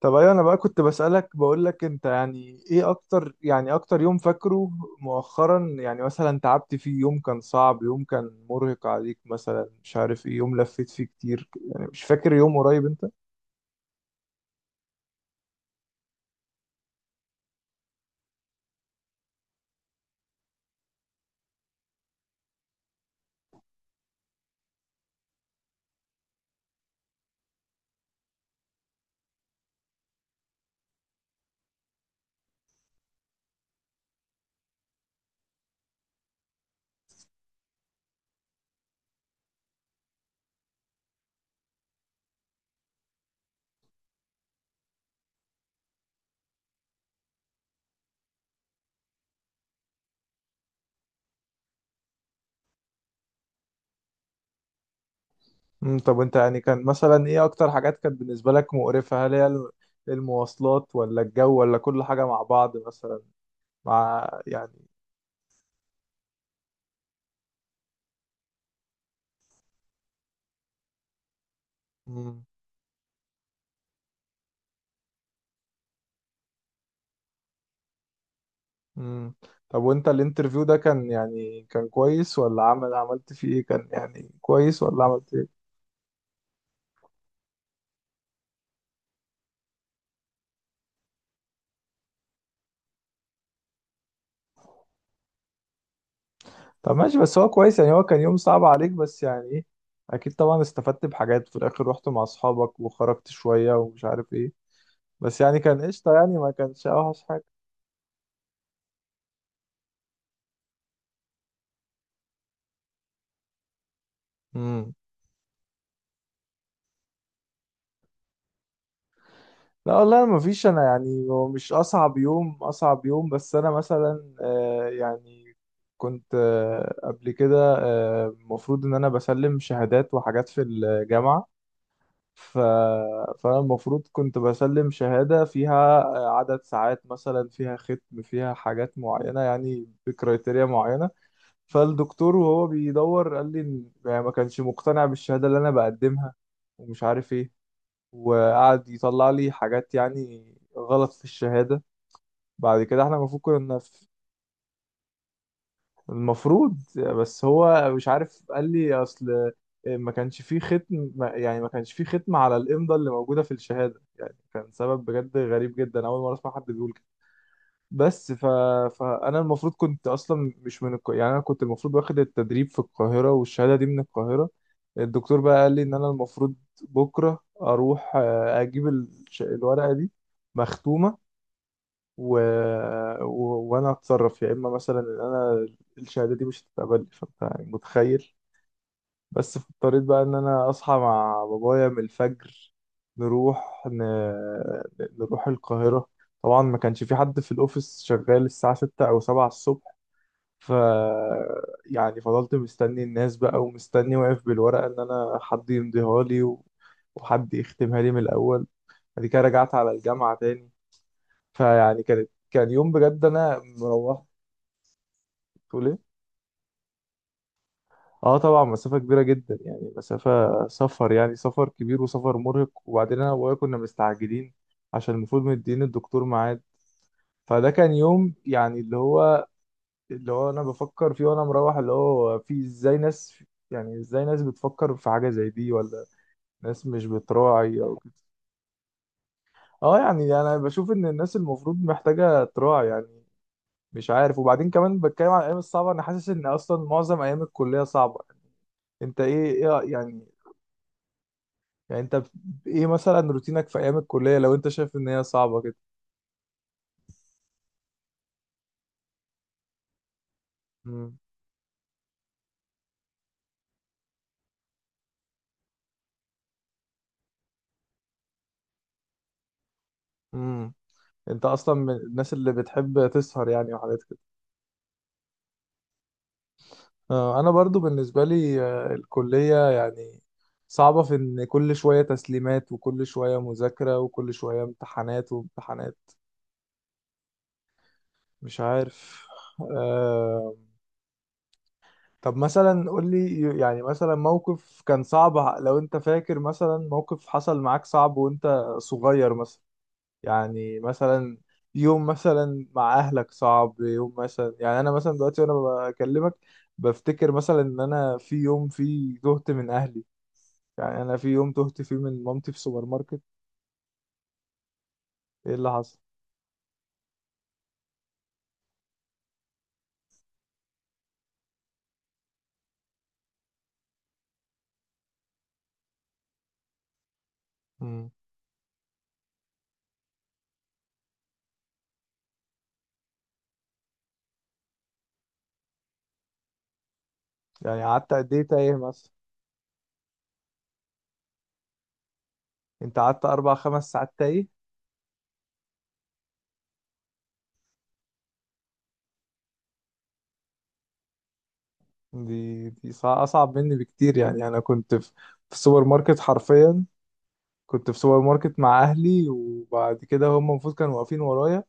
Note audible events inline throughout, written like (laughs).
طب، ايوه انا بقى كنت بسألك بقول لك انت، يعني ايه اكتر يوم فاكره مؤخرا؟ يعني مثلا تعبت فيه، يوم كان صعب، يوم كان مرهق عليك مثلا، مش عارف ايه، يوم لفيت فيه كتير، يعني مش فاكر يوم قريب انت؟ طب انت، يعني كان مثلا ايه اكتر حاجات كانت بالنسبة لك مقرفة؟ هل هي المواصلات ولا الجو ولا كل حاجة مع بعض مثلا؟ مع يعني. امم امم طب وانت الانترفيو ده كان يعني كان كويس ولا عملت فيه ايه؟ كان يعني كويس ولا عملت؟ طب ماشي، بس هو كويس، يعني هو كان يوم صعب عليك، بس يعني ايه، اكيد طبعا استفدت بحاجات في الاخر، رحت مع اصحابك وخرجت شوية ومش عارف ايه، بس يعني كان قشطة يعني، ما كانش اوحش حاجة. امم. لا والله ما فيش، انا يعني هو مش اصعب يوم اصعب يوم، بس انا مثلا يعني كنت قبل كده، المفروض ان انا بسلم شهادات وحاجات في الجامعة. ف... فأنا المفروض كنت بسلم شهادة فيها عدد ساعات مثلا، فيها ختم، فيها حاجات معينة، يعني بكريتيريا معينة. فالدكتور وهو بيدور قال لي يعني ما كانش مقتنع بالشهادة اللي أنا بقدمها ومش عارف إيه، وقعد يطلع لي حاجات يعني غلط في الشهادة. بعد كده احنا المفروض كنا. المفروض، بس هو مش عارف قال لي اصل ما كانش فيه ختم، يعني ما كانش فيه ختم على الامضه اللي موجوده في الشهاده. يعني كان سبب بجد غريب جدا، اول مره اسمع حد بيقول كده. بس فانا المفروض كنت اصلا مش من يعني انا كنت المفروض واخد التدريب في القاهره، والشهاده دي من القاهره. الدكتور بقى قال لي ان انا المفروض بكره اروح، اجيب الورقه دي مختومه، و... وانا هتصرف، يا اما مثلا ان انا الشهاده دي مش هتتقبل. فانت يعني متخيل، بس في اضطريت بقى ان انا اصحى مع بابايا من الفجر، نروح ن... نروح القاهره. طبعا ما كانش في حد في الاوفيس شغال الساعه 6 او 7 الصبح، ف يعني فضلت مستني الناس بقى، ومستني واقف بالورقه ان انا حد يمضيها لي وحد يختمها لي من الاول. بعد كده رجعت على الجامعه تاني. فيعني كان يوم بجد انا مروح. تقول ايه؟ اه طبعا مسافه كبيره جدا، يعني مسافه سفر، يعني سفر كبير وسفر مرهق، وبعدين انا وابويا كنا مستعجلين عشان المفروض مدين الدكتور ميعاد. فده كان يوم يعني اللي هو انا بفكر فيه وانا مروح، اللي هو في ازاي ناس، يعني ازاي ناس بتفكر في حاجه زي دي، ولا ناس مش بتراعي او كده. اه يعني انا بشوف ان الناس المفروض محتاجه تراعي، يعني مش عارف. وبعدين كمان بتكلم عن الايام الصعبه، انا حاسس ان اصلا معظم ايام الكليه صعبه، انت ايه؟ ايه يعني؟ يعني انت ايه مثلا روتينك في ايام الكليه، لو انت شايف ان هي صعبه كده؟ امم امم انت اصلا من الناس اللي بتحب تسهر يعني وحاجات كده؟ انا برضو بالنسبه لي، الكليه يعني صعبه في ان كل شويه تسليمات، وكل شويه مذاكره، وكل شويه امتحانات وامتحانات. مش عارف. آه، طب مثلا قول لي يعني، مثلا موقف كان صعب، لو انت فاكر مثلا موقف حصل معاك صعب وانت صغير مثلا، يعني مثلا يوم مثلا مع اهلك صعب، يوم مثلا، يعني انا مثلا دلوقتي وانا بكلمك بفتكر مثلا ان انا في يوم فيه تهت من اهلي، يعني انا في يوم تهت فيه من مامتي في سوبر ماركت. ايه اللي حصل؟ امم. يعني قعدت قد ايه تايه مثلا؟ انت قعدت اربع خمس ساعات تايه؟ دي اصعب مني بكتير. يعني انا كنت في السوبر ماركت حرفيا. كنت في سوبر ماركت مع اهلي، وبعد كده هم المفروض كانوا واقفين ورايا،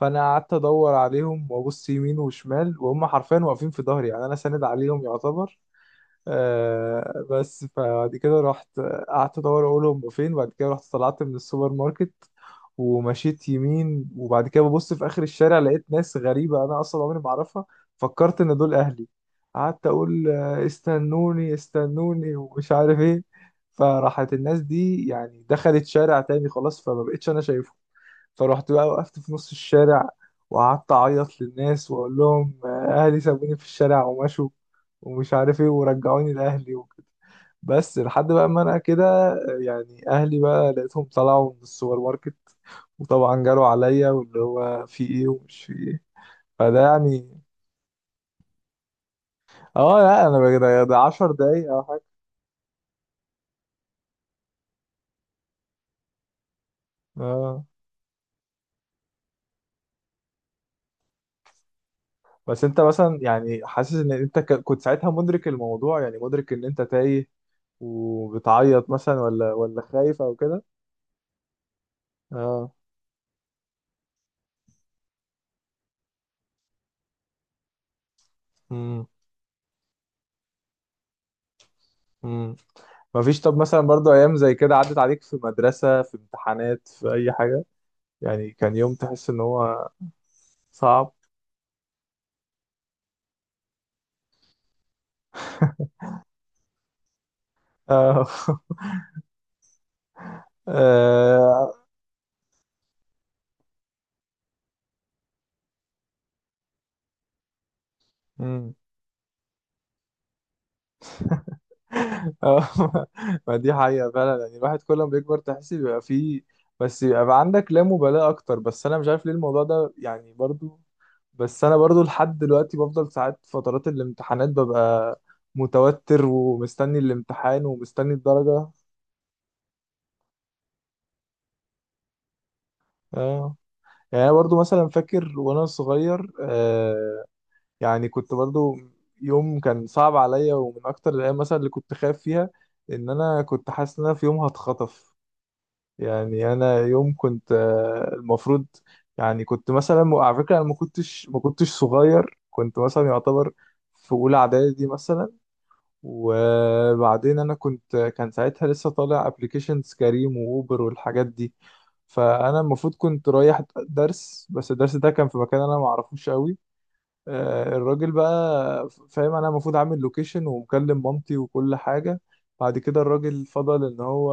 فانا قعدت ادور عليهم وابص يمين وشمال، وهم حرفيا واقفين في ظهري، يعني انا ساند عليهم يعتبر. بس فبعد كده رحت، قعدت ادور اقولهم فين. بعد كده رحت طلعت من السوبر ماركت ومشيت يمين، وبعد كده ببص في اخر الشارع لقيت ناس غريبه انا اصلا عمري ما اعرفها، فكرت ان دول اهلي. قعدت اقول استنوني استنوني ومش عارف ايه. فراحت الناس دي يعني دخلت شارع تاني خلاص، فما بقتش انا شايفهم. فروحت بقى وقفت في نص الشارع، وقعدت أعيط للناس وأقول لهم أهلي سابوني في الشارع ومشوا ومش عارف إيه، ورجعوني لأهلي وكده. بس لحد بقى ما أنا كده، يعني أهلي بقى لقيتهم طلعوا من السوبر ماركت، وطبعا جالوا عليا، واللي هو في إيه ومش في إيه. فده يعني. لا، ده 10 دقايق أو حاجة. آه بس أنت مثلا، يعني حاسس إن أنت كنت ساعتها مدرك الموضوع، يعني مدرك إن أنت تايه وبتعيط مثلا، ولا خايف أو كده؟ اه. امم امم مفيش. طب مثلا برضو ايام زي كده عدت عليك في مدرسة، في امتحانات، في اي حاجة؟ يعني كان يوم تحس ان هو صعب؟ اه. (laughs) آه، امم اه. (laughs) ما دي حقيقة فعلا. يعني الواحد كل ما بيكبر تحس بيبقى فيه، بس بيبقى عندك لا مبالاة أكتر، بس أنا مش عارف ليه الموضوع ده يعني برضو. بس أنا برضو لحد دلوقتي بفضل ساعات فترات الامتحانات ببقى متوتر ومستني الامتحان ومستني الدرجة. اه يعني انا برضو مثلا فاكر وانا صغير، يعني كنت برضو يوم كان صعب عليا، ومن اكتر الايام مثلا اللي كنت خايف فيها ان انا كنت حاسس ان انا في يوم هتخطف. يعني انا يوم كنت المفروض، يعني كنت مثلا على فكره انا ما كنتش صغير، كنت مثلا يعتبر في اولى اعدادي مثلا. وبعدين انا كنت ساعتها لسه طالع ابلكيشنز كريم واوبر والحاجات دي، فانا المفروض كنت رايح درس، بس الدرس ده كان في مكان انا ما اعرفوش قوي. الراجل بقى فاهم انا المفروض عامل لوكيشن ومكلم مامتي وكل حاجه. بعد كده الراجل فضل ان هو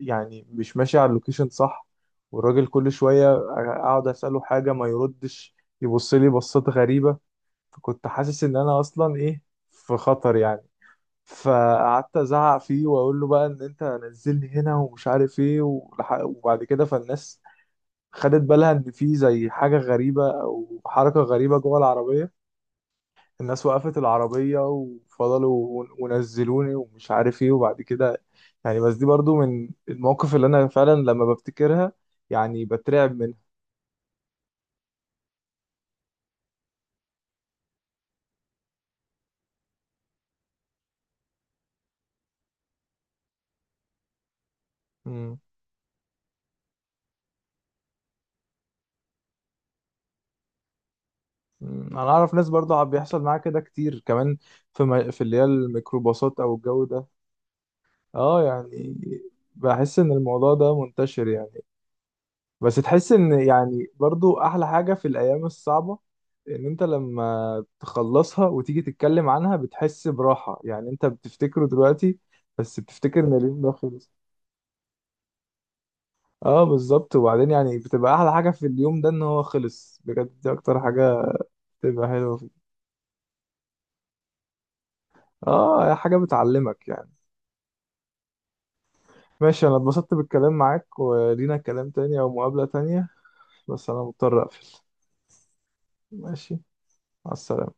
يعني مش ماشي على اللوكيشن صح، والراجل كل شويه اقعد اساله حاجه ما يردش، يبص لي بصات غريبه. فكنت حاسس ان انا اصلا ايه، في خطر يعني. فقعدت ازعق فيه واقول له بقى ان انت نزلني هنا ومش عارف ايه وبعد كده فالناس خدت بالها ان في زي حاجه غريبه او حركه غريبه جوه العربيه. الناس وقفت العربيه وفضلوا ونزلوني ومش عارف ايه وبعد كده، يعني بس دي برضو من المواقف اللي انا فعلا لما بفتكرها يعني بترعب منها. مم. انا اعرف ناس برضو عم بيحصل معاها كده كتير كمان، في في اللي هي الميكروباصات او الجو ده. اه يعني بحس ان الموضوع ده منتشر يعني، بس تحس ان يعني برضو احلى حاجة في الايام الصعبة ان انت لما تخلصها وتيجي تتكلم عنها بتحس براحة، يعني انت بتفتكره دلوقتي بس بتفتكر ان اليوم ده خلص. اه بالظبط، وبعدين يعني بتبقى احلى حاجة في اليوم ده ان هو خلص بجد، دي اكتر حاجة بتبقى حلوة فيه. اه، هي حاجة بتعلمك يعني. ماشي، انا اتبسطت بالكلام معاك، ولينا كلام تاني او مقابلة تانية، بس انا مضطر اقفل. ماشي، مع السلامة.